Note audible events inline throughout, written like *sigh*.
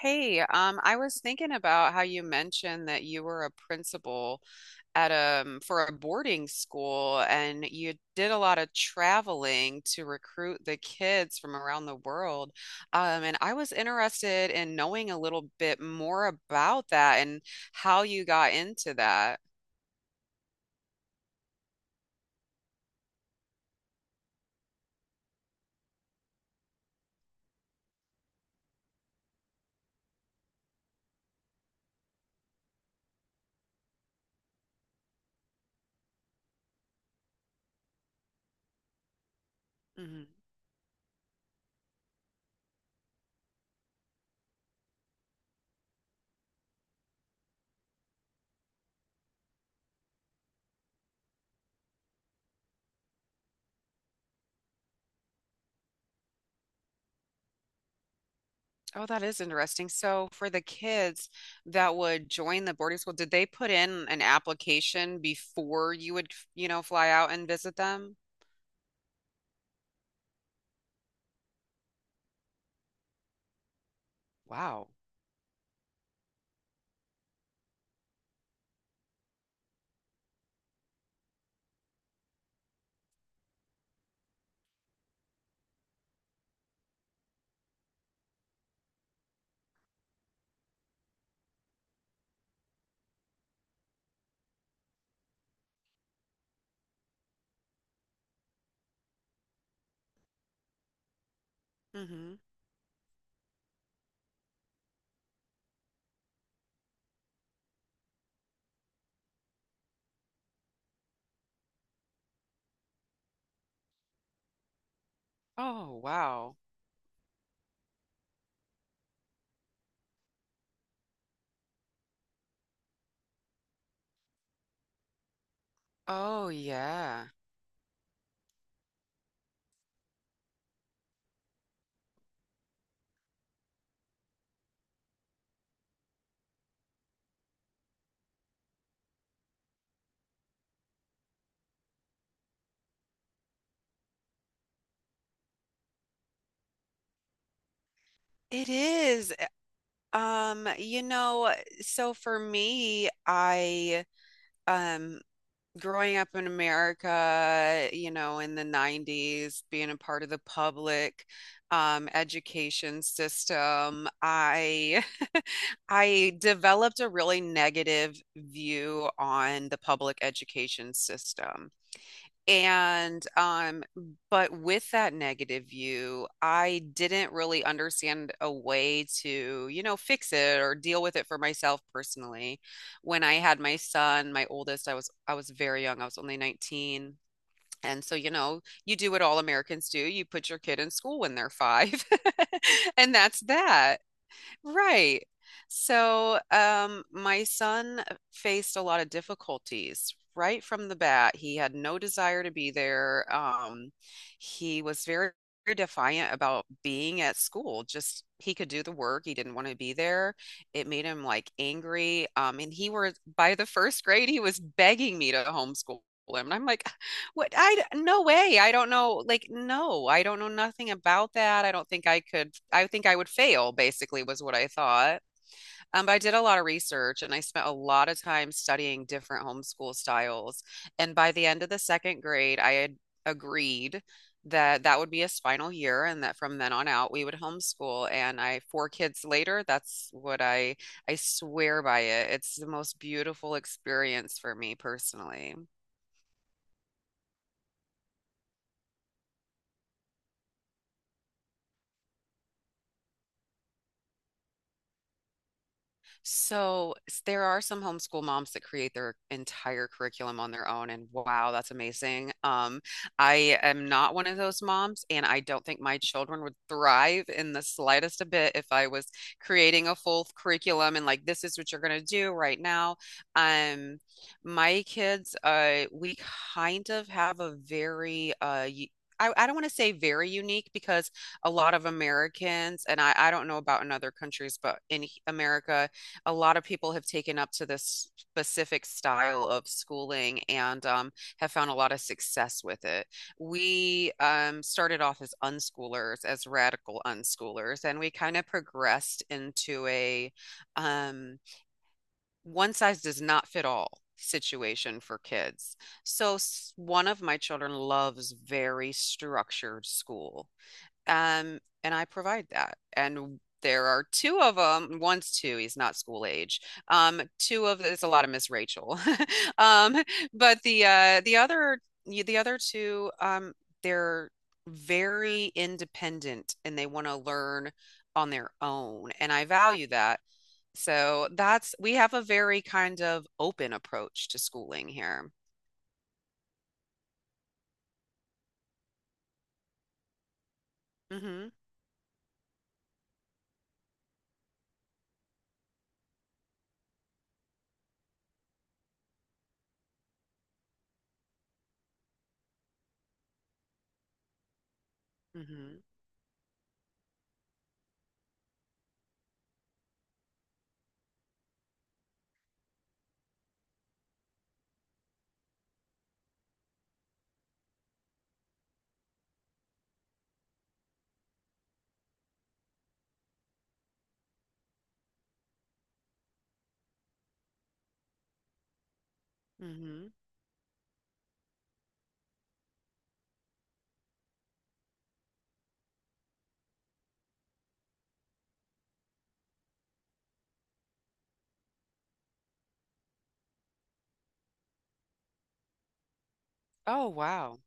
Hey, I was thinking about how you mentioned that you were a principal at for a boarding school and you did a lot of traveling to recruit the kids from around the world. And I was interested in knowing a little bit more about that and how you got into that. Mhm. Oh, that is interesting. So for the kids that would join the boarding school, did they put in an application before you would fly out and visit them? Wow. Hmm. Oh, wow. Oh, yeah. It is. Um, you know, so for me, I um growing up in America, in the 90s, being a part of the public education system, I *laughs* I developed a really negative view on the public education system. And but with that negative view, I didn't really understand a way to fix it or deal with it for myself personally. When I had my son, my oldest, I was very young. I was only 19. And so, you know, you do what all Americans do. You put your kid in school when they're five. *laughs* And that's that. Right. So, my son faced a lot of difficulties right from the bat. He had no desire to be there. He was very defiant about being at school. Just he could do the work. He didn't want to be there. It made him like angry. And he were by the first grade, he was begging me to homeschool him. And I'm like, what I no way. I don't know. Like, no, I don't know nothing about that. I don't think I could. I think I would fail, basically, was what I thought. But I did a lot of research and I spent a lot of time studying different homeschool styles. And by the end of the second grade, I had agreed that that would be his final year and that from then on out we would homeschool. And I, four kids later, that's what I swear by it. It's the most beautiful experience for me personally. So there are some homeschool moms that create their entire curriculum on their own, and wow, that's amazing. I am not one of those moms, and I don't think my children would thrive in the slightest a bit if I was creating a full curriculum and like this is what you're gonna do right now. Um, my kids, we kind of have a very I don't want to say very unique because a lot of Americans, and I don't know about in other countries, but in America, a lot of people have taken up to this specific style of schooling and have found a lot of success with it. We started off as unschoolers, as radical unschoolers, and we kind of progressed into a um, one size does not fit all situation for kids. So one of my children loves very structured school. And I provide that. And there are two of them. One's two, he's not school age. Two of it's a lot of Miss Rachel. *laughs* Um, but the other two, they're very independent and they want to learn on their own. And I value that. So that's we have a very kind of open approach to schooling here. Hmm. Hmm. Hmm. Oh, wow.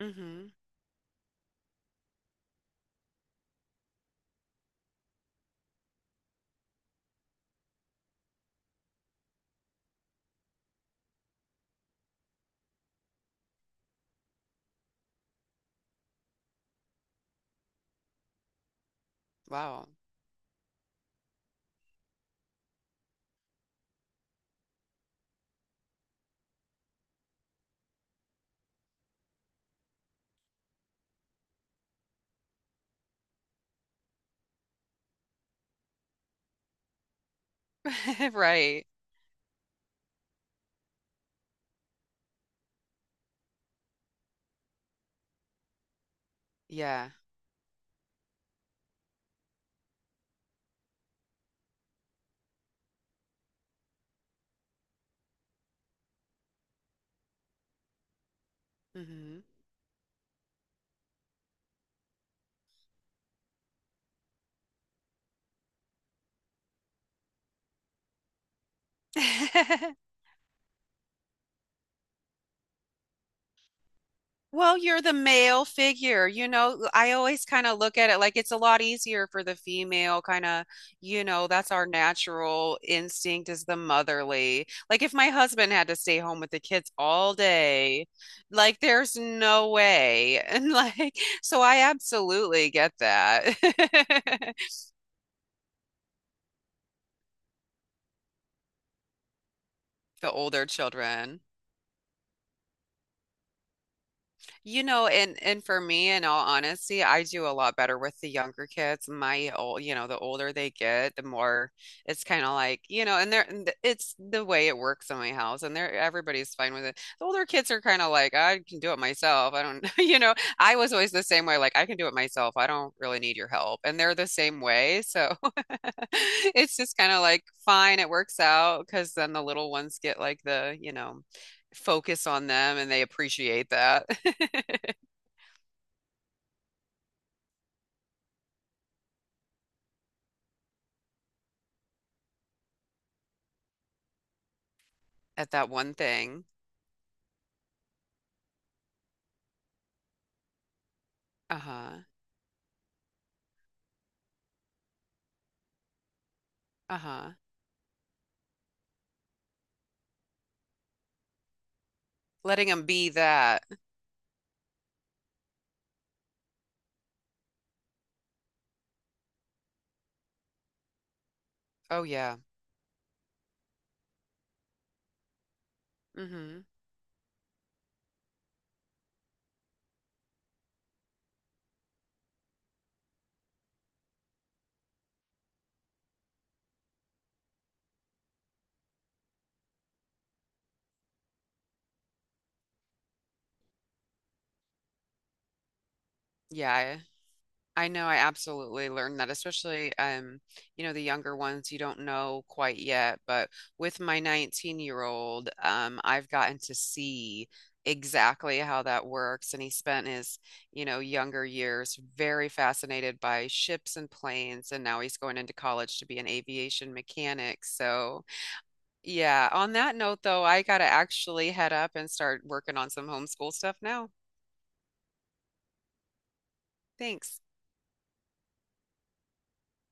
Hmm. Wow. *laughs* Right. Yeah. Hmm. *laughs* Well, you're the male figure. You know, I always kind of look at it like it's a lot easier for the female, kind of, that's our natural instinct is the motherly. Like if my husband had to stay home with the kids all day, like there's no way. *laughs* And like, so I absolutely get that. *laughs* The older children. And for me, in all honesty, I do a lot better with the younger kids. My old, you know, the older they get, the more it's kind of like, and they're and it's the way it works in my house, and they're everybody's fine with it. The older kids are kind of like, I can do it myself. I don't, *laughs* I was always the same way, like I can do it myself. I don't really need your help, and they're the same way. So *laughs* it's just kind of like, fine, it works out, because then the little ones get like the focus on them and they appreciate that. *laughs* at that one thing. Uh-huh. Uh-huh. Letting them be that. Oh, yeah. Mm-hmm. Yeah. I know I absolutely learned that, especially the younger ones you don't know quite yet, but with my 19-year-old, I've gotten to see exactly how that works. And he spent his younger years very fascinated by ships and planes, and now he's going into college to be an aviation mechanic. So yeah, on that note though, I gotta actually head up and start working on some homeschool stuff now. Thanks.